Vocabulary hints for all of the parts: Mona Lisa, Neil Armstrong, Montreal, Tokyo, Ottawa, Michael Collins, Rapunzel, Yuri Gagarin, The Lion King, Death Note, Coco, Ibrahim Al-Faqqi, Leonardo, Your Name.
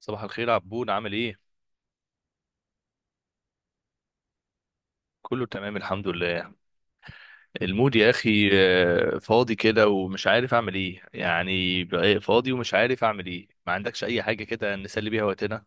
صباح الخير عبود، عامل ايه؟ كله تمام الحمد لله. المود يا اخي فاضي كده ومش عارف اعمل ايه، يعني بقى فاضي ومش عارف اعمل ايه. ما عندكش اي حاجه كده نسلي بيها وقتنا؟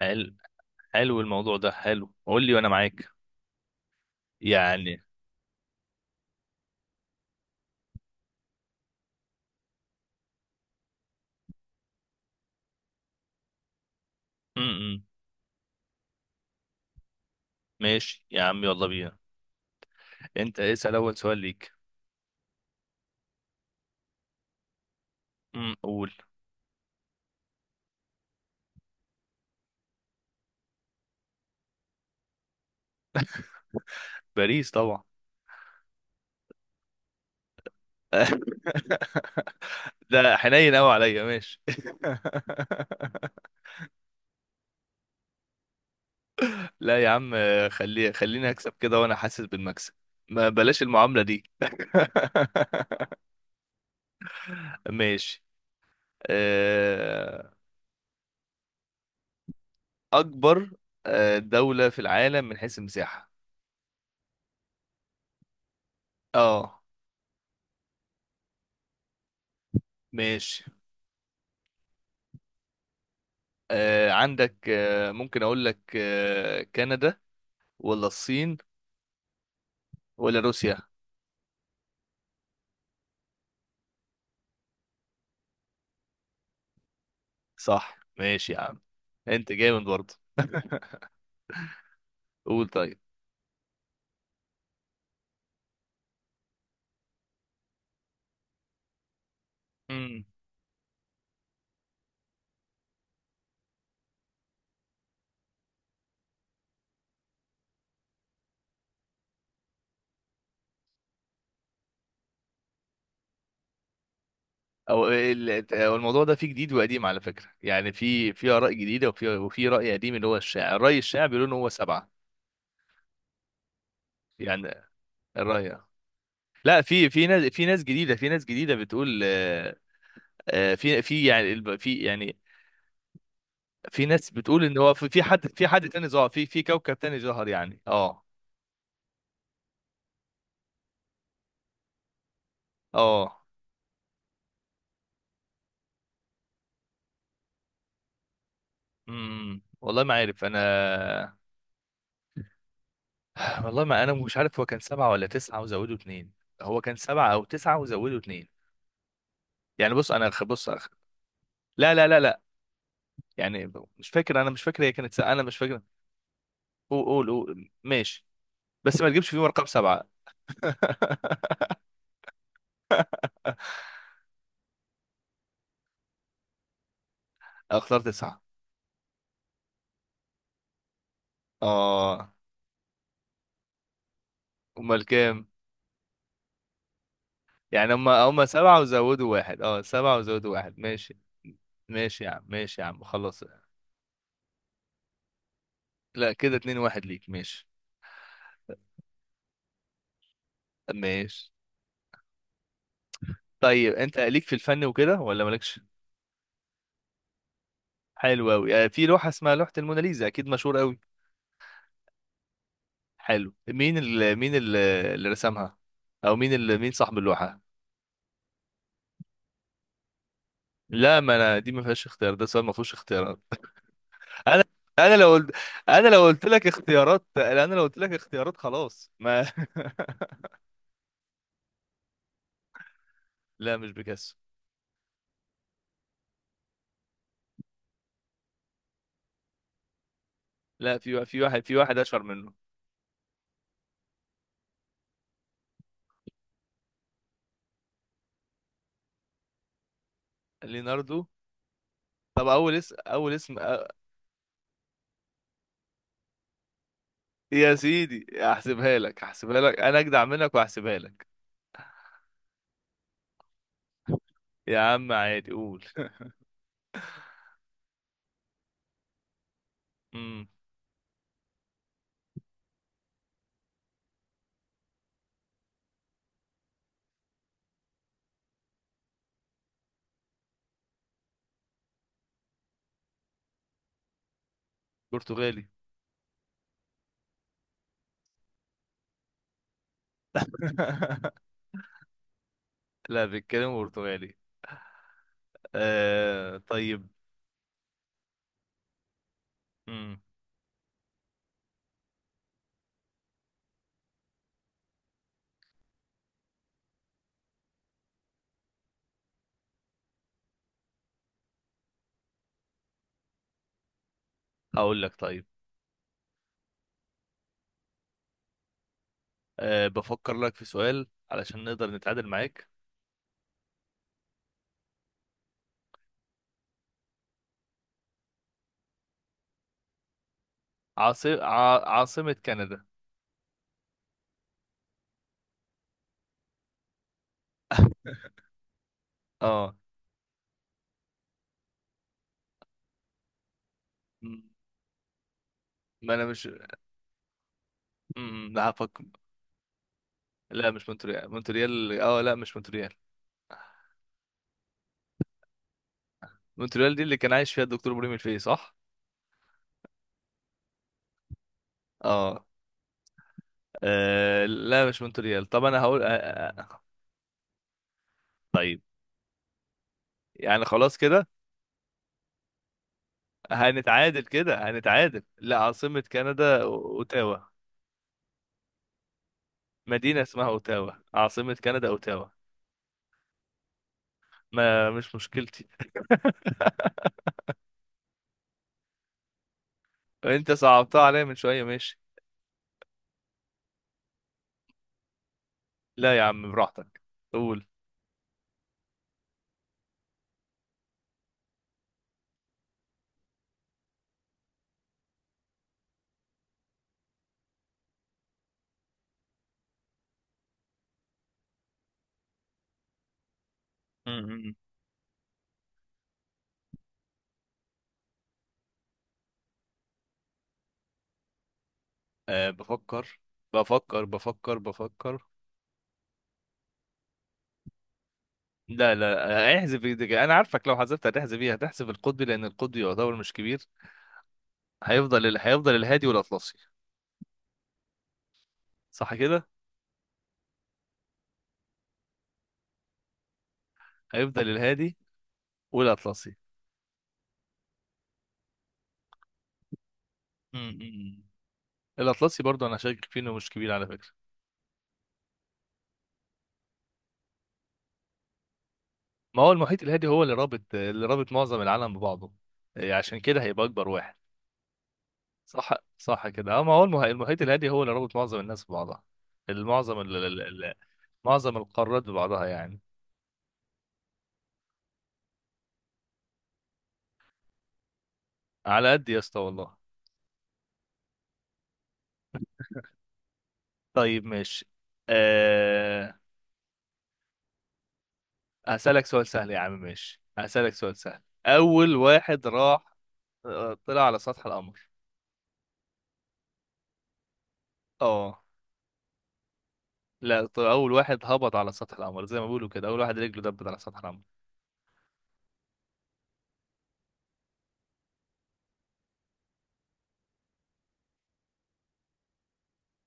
حلو، حلو الموضوع ده، حلو قول لي وانا معاك يعني. امم، ماشي يا عم يلا بينا. انت اسال اول سؤال ليك. قول. باريس طبعا. ده حنين قوي عليا، ماشي. لا يا عم، خليني اكسب كده وانا حاسس بالمكسب، ما بلاش المعاملة دي. ماشي. آه، اكبر دولة في العالم من حيث المساحة. اه ماشي، عندك ممكن اقول لك كندا، ولا الصين، ولا روسيا. صح ماشي يا عم، انت جامد برضه. قول طيب. أو الموضوع ده فيه جديد وقديم على فكره، يعني في اراء جديده، وفي راي قديم اللي هو الشاعر، الراي الشاعر بيقولوا ان هو سبعه يعني. الراي لا، في ناس، في ناس جديده، في ناس جديده بتقول في يعني في يعني، في ناس بتقول ان هو في حد، في حد تاني ظهر، في كوكب تاني ظهر يعني. اه اه. امم، والله ما عارف انا. والله ما انا مش عارف هو كان سبعه ولا تسعه وزودوا اتنين، هو كان سبعه او تسعه وزودوا اتنين. يعني بص انا بص لا لا لا لا، يعني مش فاكر، انا مش فاكر هي كانت ساعة، انا مش فاكر. قول ماشي، بس ما تجيبش فيهم رقم سبعة. اختار تسعة. اه. امال كام؟ يعني هم سبعة وزودوا واحد، اه سبعة وزودوا واحد ماشي. ماشي يا عم، ماشي يا عم خلاص. لا كده اتنين واحد ليك، ماشي. ماشي. طيب انت ليك في الفن وكده ولا مالكش؟ حلو قوي، في لوحة اسمها لوحة الموناليزا، اكيد مشهور قوي. حلو، اللي رسمها، او مين صاحب اللوحة. لا ما انا دي ما فيهاش اختيار، ده سؤال ما فيهوش اختيارات. انا، انا لو قلت، انا لو قلت لك اختيارات، انا لو قلت لك اختيارات خلاص ما. لا مش بيكاسو. لا في في واحد، في واحد اشهر منه. ليناردو. طب اول اسم، اول اسم يا سيدي هحسبها لك، هحسبها لك، انا اجدع منك وهحسبها لك. يا عم عادي قول. امم. برتغالي. لا بيتكلم برتغالي. آه طيب. امم. هقول لك طيب، آه بفكر لك في سؤال علشان نقدر نتعادل معاك. عاصمة كندا. اه. م- ما انا مش، لا هفكر. لا مش مونتريال، مونتريال اه لا مش مونتريال. مونتريال دي اللي كان عايش فيها الدكتور ابراهيم الفقي صح. اه. لا مش مونتريال، طب انا هقول طيب. يعني خلاص كده هنتعادل، كده هنتعادل. لا عاصمة كندا اوتاوا. مدينة اسمها اوتاوا، عاصمة كندا اوتاوا. ما مش مشكلتي. انت صعبتها عليا من شوية ماشي. لا يا عم براحتك. قول. امم. أه بفكر بفكر. لا لا احذف إيدك. انا عارفك لو حذفت هتحذف ايه، هتحذف القطبي لان القطبي يعتبر مش كبير. هيفضل الهادي والاطلسي، صح كده. هيفضل الهادي والاطلسي. امم. الاطلسي برضه انا شاكك فيه انه مش كبير على فكره. ما هو المحيط الهادي هو اللي رابط، اللي رابط معظم العالم ببعضه، عشان كده هيبقى اكبر واحد. صح. صح كده اه، ما هو المحيط الهادي هو اللي رابط معظم الناس ببعضها، المعظم ال- ال- ال- معظم القارات ببعضها يعني. على قد يا اسطى والله. طيب ماشي. أه... هسألك سؤال سهل يا عم، ماشي هسألك سؤال سهل. أول واحد راح طلع على سطح القمر. اه. لا أول واحد هبط على سطح القمر زي ما بيقولوا كده، أول واحد رجله دبت على سطح القمر.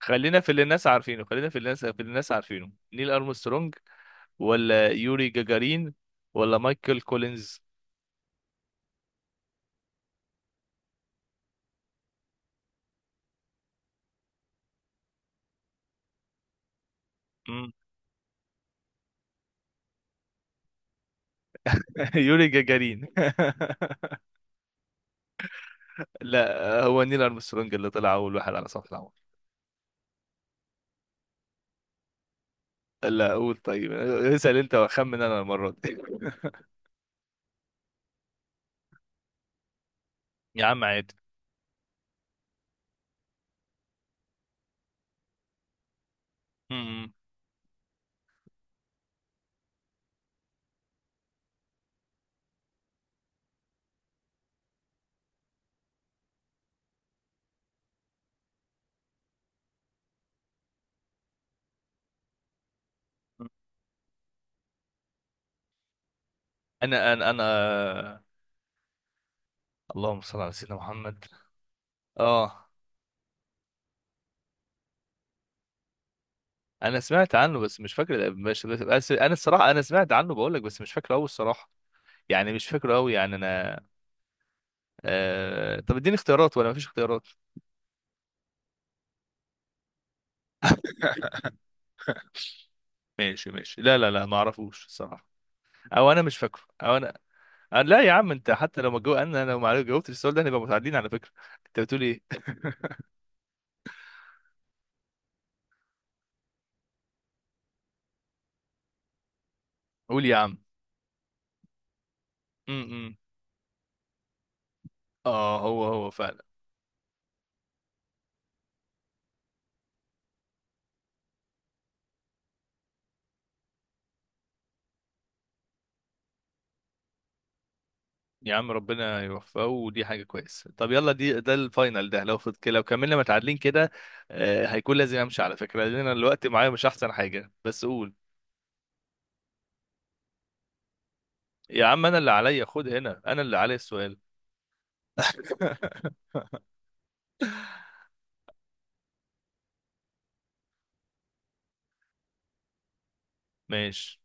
خلينا في اللي الناس عارفينه خلينا في اللي الناس في اللي الناس عارفينه، نيل أرمسترونج، ولا يوري جاجارين، ولا مايكل كولينز. مم. يوري جاجارين. لا هو نيل أرمسترونج اللي طلع أول واحد على سطح القمر. لا قول طيب، اسأل انت واخمن انا المرة دي. يا عم عادي. م- م. انا اللهم صل على سيدنا محمد. اه. انا سمعت عنه بس مش فاكر مش بس، بس انا الصراحة انا سمعت عنه بقول لك، بس مش فاكره قوي الصراحة. يعني مش فاكره قوي يعني انا. طب اديني اختيارات ولا مفيش اختيارات؟ ماشي ماشي، لا لا لا ما اعرفوش الصراحة، او انا مش فاكره، او انا. لا يا عم، انت حتى لو ما جو... انا لو ما جاوبتش السؤال ده هنبقى متعادلين على فكرة. انت بتقول ايه؟ قول يا عم. م- م. اه هو، هو فعلا. يا عم ربنا يوفقه ودي حاجة كويسة. طب يلا، دي ده الفاينل ده، لو فض كده لو كملنا متعادلين كده. آه هيكون لازم امشي على فكرة لان انا الوقت معايا مش احسن حاجة، بس قول. يا عم انا اللي عليا خد هنا، انا اللي عليا السؤال. ماشي.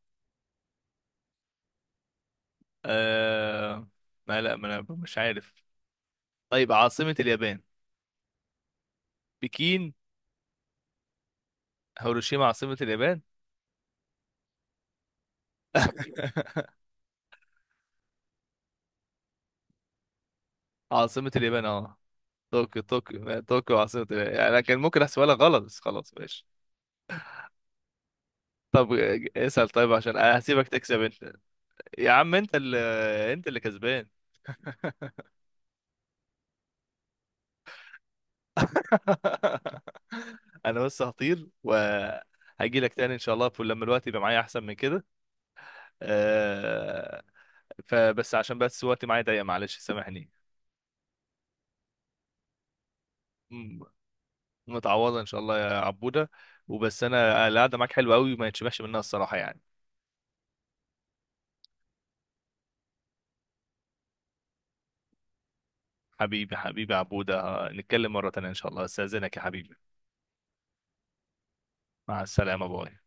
آه. ما لا، ما انا مش عارف. طيب عاصمة اليابان. بكين؟ هيروشيما عاصمة اليابان؟ عاصمة اليابان اه، طوكيو، طوكيو طوكيو عاصمة اليابان. يعني انا كان ممكن احسبها لك غلط بس خلاص ماشي. طب اسأل طيب، عشان انا هسيبك تكسب انت. يا عم انت اللي كسبان. انا بس هطير وهجي لك تاني ان شاء الله لما الوقت يبقى معايا احسن من كده. آه، فبس عشان، بس وقتي معايا ضيق معلش سامحني. م- متعوضة ان شاء الله يا عبودة. وبس انا القعدة معاك حلوة قوي وما يتشبعش منها الصراحة يعني. حبيبي عبودة، نتكلم مرة تانية ان شاء الله، استاذنك يا حبيبي. مع السلامة باي.